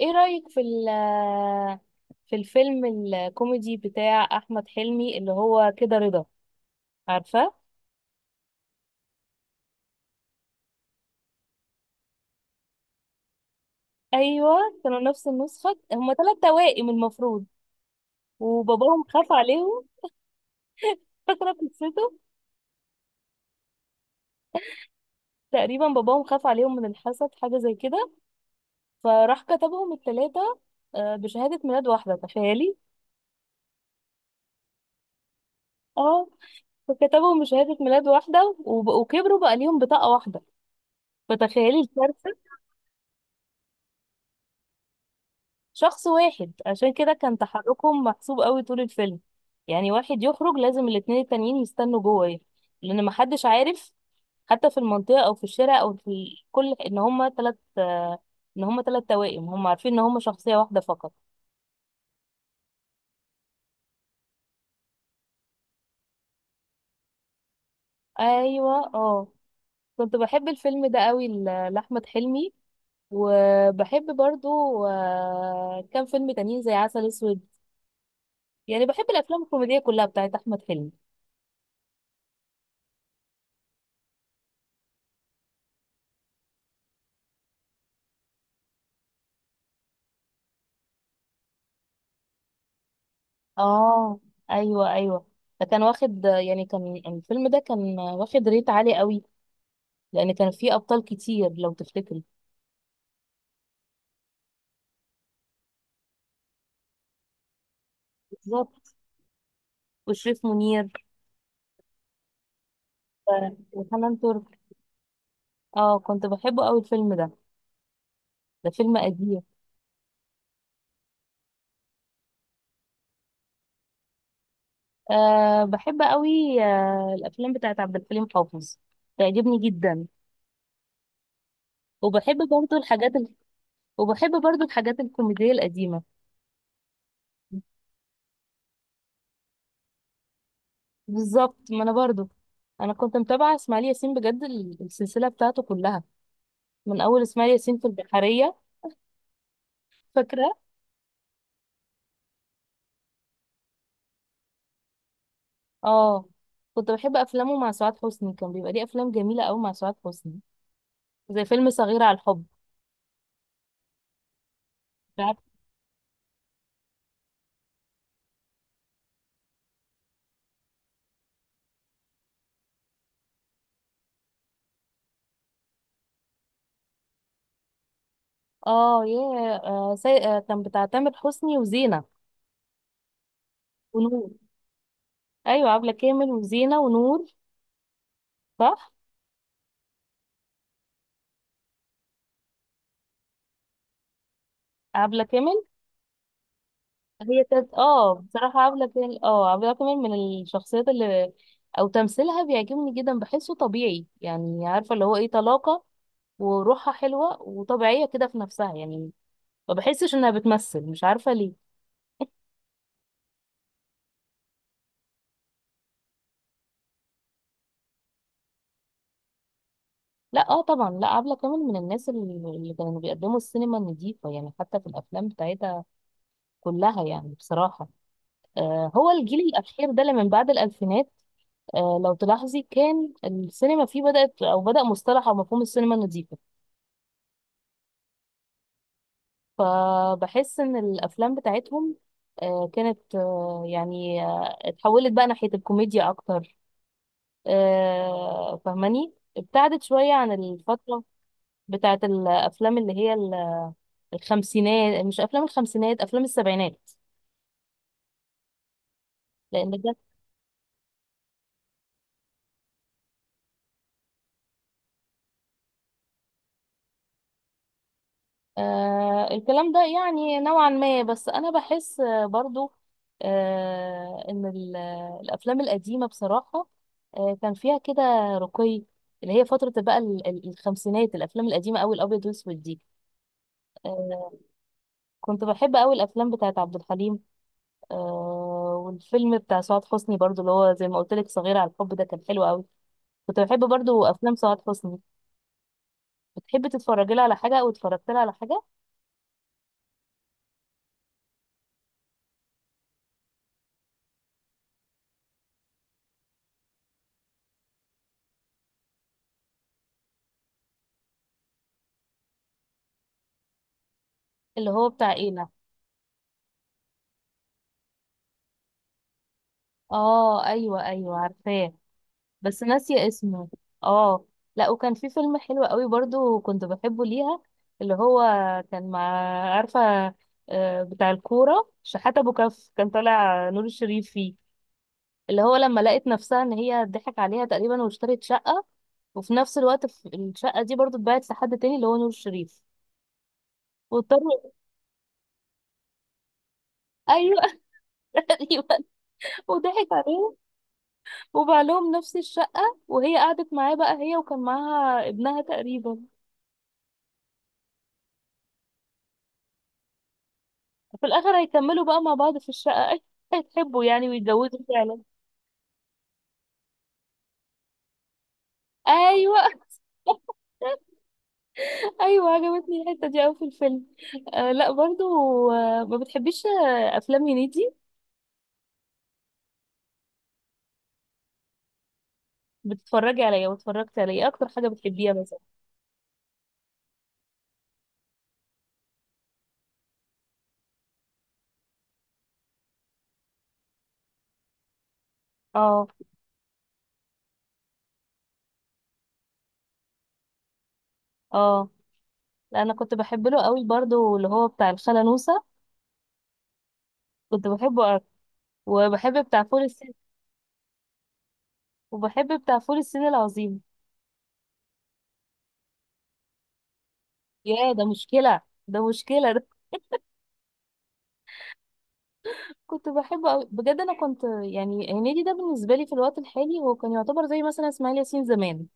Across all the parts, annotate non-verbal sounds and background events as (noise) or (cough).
ايه رأيك في في الفيلم الكوميدي بتاع احمد حلمي اللي هو كده رضا، عارفة؟ ايوه، كانوا نفس النسخة، هما ثلاث توائم المفروض، وباباهم خاف عليهم. فاكرة قصته؟ تقريبا باباهم خاف عليهم من الحسد، حاجة زي كده، فراح كتبهم الثلاثة بشهادة ميلاد واحدة، تخيلي. اه، فكتبهم بشهادة ميلاد واحدة وكبروا بقى ليهم بطاقة واحدة، فتخيلي الكارثة. شخص واحد عشان كده كان تحركهم محسوب قوي طول الفيلم، يعني واحد يخرج لازم الاتنين التانيين يستنوا جوه يخرج، لان محدش عارف حتى في المنطقة او في الشارع او في كل، ان هما تلات ان هما تلات توائم، هما عارفين ان هما شخصية واحدة فقط. ايوه، اه. كنت بحب الفيلم ده قوي لأحمد حلمي، وبحب برضو كام فيلم تانيين زي عسل اسود، يعني بحب الافلام الكوميدية كلها بتاعت احمد حلمي. اه، ايوه ايوه. فكان واخد، يعني كان الفيلم ده كان واخد ريت عالي قوي، لان كان فيه ابطال كتير لو تفتكر. بالظبط، وشريف منير وحنان ترك. اه، كنت بحبه قوي الفيلم ده، ده فيلم قديم. بحب قوي الافلام بتاعت عبد الحليم حافظ، تعجبني جدا، وبحب برضو الحاجات وبحب برضو الحاجات الكوميدية القديمة. بالظبط، ما انا برضو، انا كنت متابعة اسماعيل ياسين بجد، السلسلة بتاعته كلها من اول اسماعيل ياسين في البحرية، فاكرة؟ اه، كنت بحب افلامه مع سعاد حسني، كان بيبقى ليه افلام جميلة قوي مع سعاد حسني، زي فيلم صغيرة على الحب. عارف؟ اه، ياه، آه سي... آه كان بتاع تامر حسني وزينة ونور. ايوه، عبلة كامل وزينة ونور، صح. عبلة كامل، هي كانت اه، بصراحة عبلة كامل، اه عبلة كامل من الشخصيات اللي، او تمثيلها بيعجبني جدا، بحسه طبيعي يعني، عارفة اللي هو ايه، طلاقة وروحها حلوة وطبيعية كده في نفسها يعني، ما بحسش انها بتمثل، مش عارفه ليه. لا، اه، طبعا، لا، عبلة كامل من الناس اللي كانوا بيقدموا السينما النظيفه يعني، حتى في الافلام بتاعتها كلها يعني بصراحه. هو الجيل الاخير ده اللي من بعد الالفينات، لو تلاحظي كان السينما فيه بدات او بدا مصطلح او مفهوم السينما النظيفه، فبحس ان الافلام بتاعتهم كانت اتحولت بقى ناحيه الكوميديا اكتر، فاهماني، ابتعدت شويه عن الفتره بتاعت الافلام اللي هي الخمسينات، مش افلام الخمسينات، افلام السبعينات، لان ده الكلام ده يعني نوعا ما، بس انا بحس برضو ان الافلام القديمه بصراحه كان فيها كده رقي، اللي هي فتره بقى الخمسينات، الافلام القديمه قوي الابيض والاسود دي. آه كنت بحب قوي الافلام بتاعت عبد الحليم، آه والفيلم بتاع سعاد حسني برضو اللي هو زي ما قلت لك، صغيره على الحب، ده كان حلو قوي. كنت بحب برضو افلام سعاد حسني. بتحبي تتفرجي لها على حاجه، او اتفرجت لها على حاجه؟ اللي هو بتاع ايه؟ اه ايوه ايوه، عارفاه، بس ناسيه اسمه. اه، لا، وكان في فيلم حلو قوي برضو كنت بحبه ليها، اللي هو كان مع، عارفه، بتاع الكوره، شحاته ابو كف، كان طالع نور الشريف فيه، اللي هو لما لقت نفسها ان هي ضحك عليها تقريبا واشترت شقه، وفي نفس الوقت في الشقه دي برضو اتباعت لحد تاني اللي هو نور الشريف، واضطروا. ايوه. (laughs) ايوه، وضحك عليها، وبقى لهم نفس الشقة، وهي قعدت معاه بقى هي، وكان معاها ابنها تقريبا، في الآخر هيكملوا بقى مع بعض في الشقة. (laughs) هيتحبوا يعني ويتجوزوا فعلا. أيوة. (laughs) أيوة، عجبتني الحتة دي أوي في الفيلم. لا، برضو ما بتحبيش أفلام هنيدي؟ بتتفرجي عليا، واتفرجت عليا، إيه أكتر حاجة بتحبيها مثلا؟ اه، اه، لا أنا كنت بحب له قوي برضو اللي هو بتاع الخالة نوسة، كنت بحبه أوي. وبحب بتاع فول الصين، وبحب بتاع فول الصين العظيم. يا ده مشكلة، ده مشكلة ده، كنت بحبه أوي بجد. أنا كنت يعني هنيدي ده بالنسبة لي في الوقت الحالي هو كان يعتبر زي مثلا إسماعيل ياسين زمان.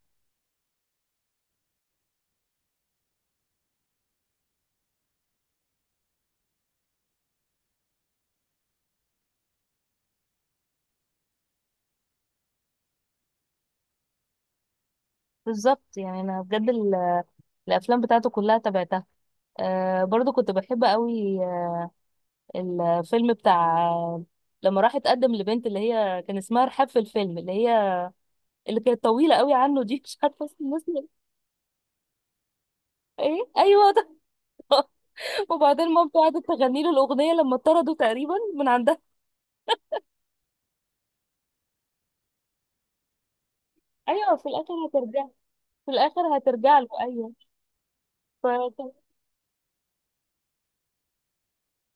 بالظبط، يعني أنا بجد الأفلام بتاعته كلها تابعتها. برضو كنت بحب أوي الفيلم بتاع لما راح اتقدم لبنت اللي هي كان اسمها رحاب في الفيلم، اللي هي اللي كانت طويلة أوي عنه دي، مش عارفة اسم الناس. ايه، أيوه، ده. (laughs) وبعدين مامته قعدت تغني له الأغنية لما طردوا تقريبا من عندها. ايوه، في الاخر هترجع، في الاخر هترجع له، ايوه، ف...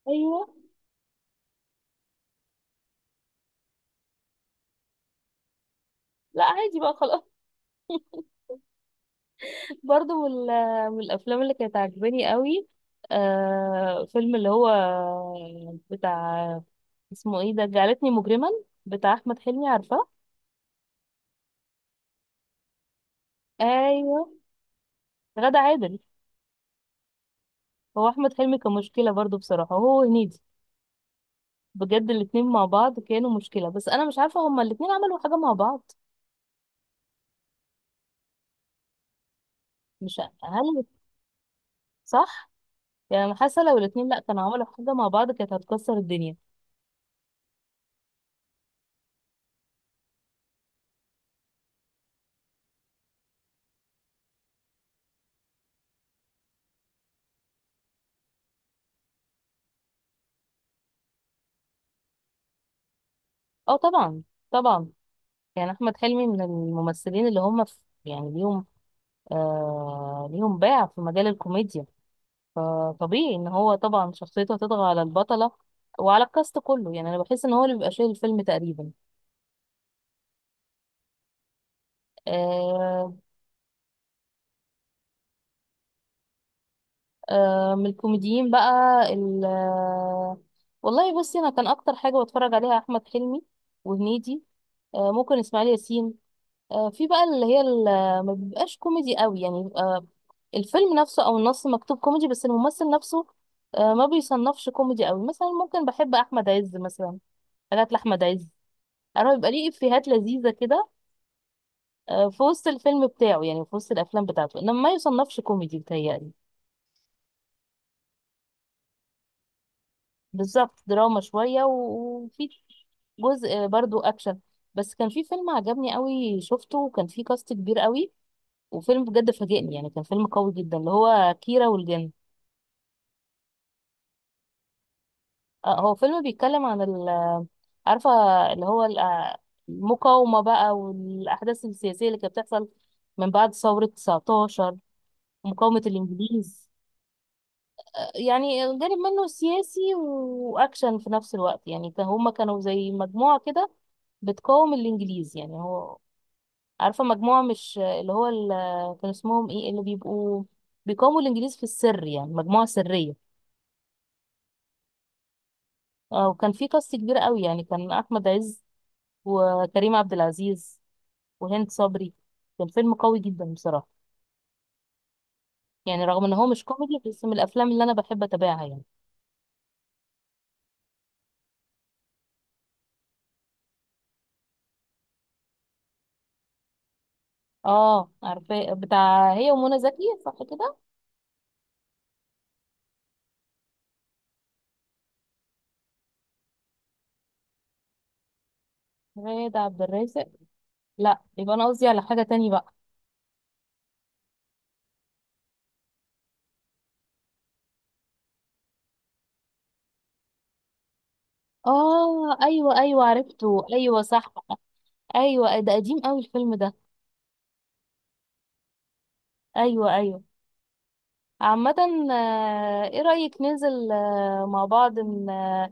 ايوه. لا، عادي بقى، خلاص. (laughs) برضه من من الافلام اللي كانت عاجباني قوي فيلم اللي هو بتاع، اسمه ايه ده، جعلتني مجرما، بتاع احمد حلمي، عارفاه؟ ايوه، غادة عادل. هو احمد حلمي كان مشكله برضه بصراحه، هو هنيدي بجد، الاتنين مع بعض كانوا مشكله، بس انا مش عارفه هما الاتنين عملوا حاجه مع بعض؟ مش هل، صح. يعني أنا حاسه لو الاتنين، لا كانوا عملوا حاجه مع بعض كانت هتكسر الدنيا. اه طبعا، طبعا، يعني احمد حلمي من الممثلين اللي هم في، يعني ليهم ليهم باع في مجال الكوميديا، فطبيعي ان هو طبعا شخصيته هتطغى على البطله وعلى الكاست كله، يعني انا بحس ان هو اللي بيبقى شايل الفيلم تقريبا. آه من الكوميديين بقى، ال آه، والله بصي، انا كان اكتر حاجه بتفرج عليها احمد حلمي وهنيدي، ممكن اسماعيل ياسين، في بقى اللي هي ما بيبقاش كوميدي قوي يعني، بيبقى الفيلم نفسه او النص مكتوب كوميدي بس الممثل نفسه ما بيصنفش كوميدي قوي، مثلا ممكن بحب احمد عز مثلا، حاجات لاحمد عز، انا بيبقى ليه افيهات لذيذه كده في وسط الفيلم بتاعه، يعني في وسط الافلام بتاعته، انما ما يصنفش كوميدي بتهيألي. بالظبط، دراما شويه وفي جزء برضو اكشن. بس كان في فيلم عجبني قوي شفته، وكان فيه كاست كبير قوي، وفيلم بجد فاجئني، يعني كان فيلم قوي جدا، اللي هو كيرة والجن. هو فيلم بيتكلم عن عارفة، اللي هو المقاومة بقى والأحداث السياسية اللي كانت بتحصل من بعد ثورة 19، مقاومة الإنجليز. يعني جانب منه سياسي وأكشن في نفس الوقت، يعني هما كانوا زي مجموعة كده بتقاوم الإنجليز، يعني هو، عارفة مجموعة، مش اللي هو كان اسمهم إيه اللي بيبقوا بيقاوموا الإنجليز في السر، يعني مجموعة سرية. وكان في قصة كبيرة قوي، يعني كان أحمد عز وكريم عبد العزيز وهند صبري، كان فيلم قوي جدا بصراحة، يعني رغم ان هو مش كوميدي بس من الافلام اللي انا بحب اتابعها يعني. اه، عارفاه، بتاع هي ومنى زكي صح كده؟ غادة عبد الرازق، لا، يبقى انا قصدي على حاجة تاني بقى. اه ايوه ايوه، عرفته، ايوه صح. ايوه ده قديم قوي الفيلم ده، ايوه ايوه. عامة ايه رأيك ننزل مع بعض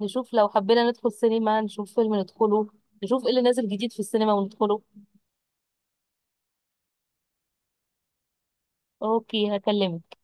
نشوف لو حبينا ندخل سينما، نشوف فيلم ندخله، نشوف ايه اللي نازل جديد في السينما وندخله. اوكي، هكلمك.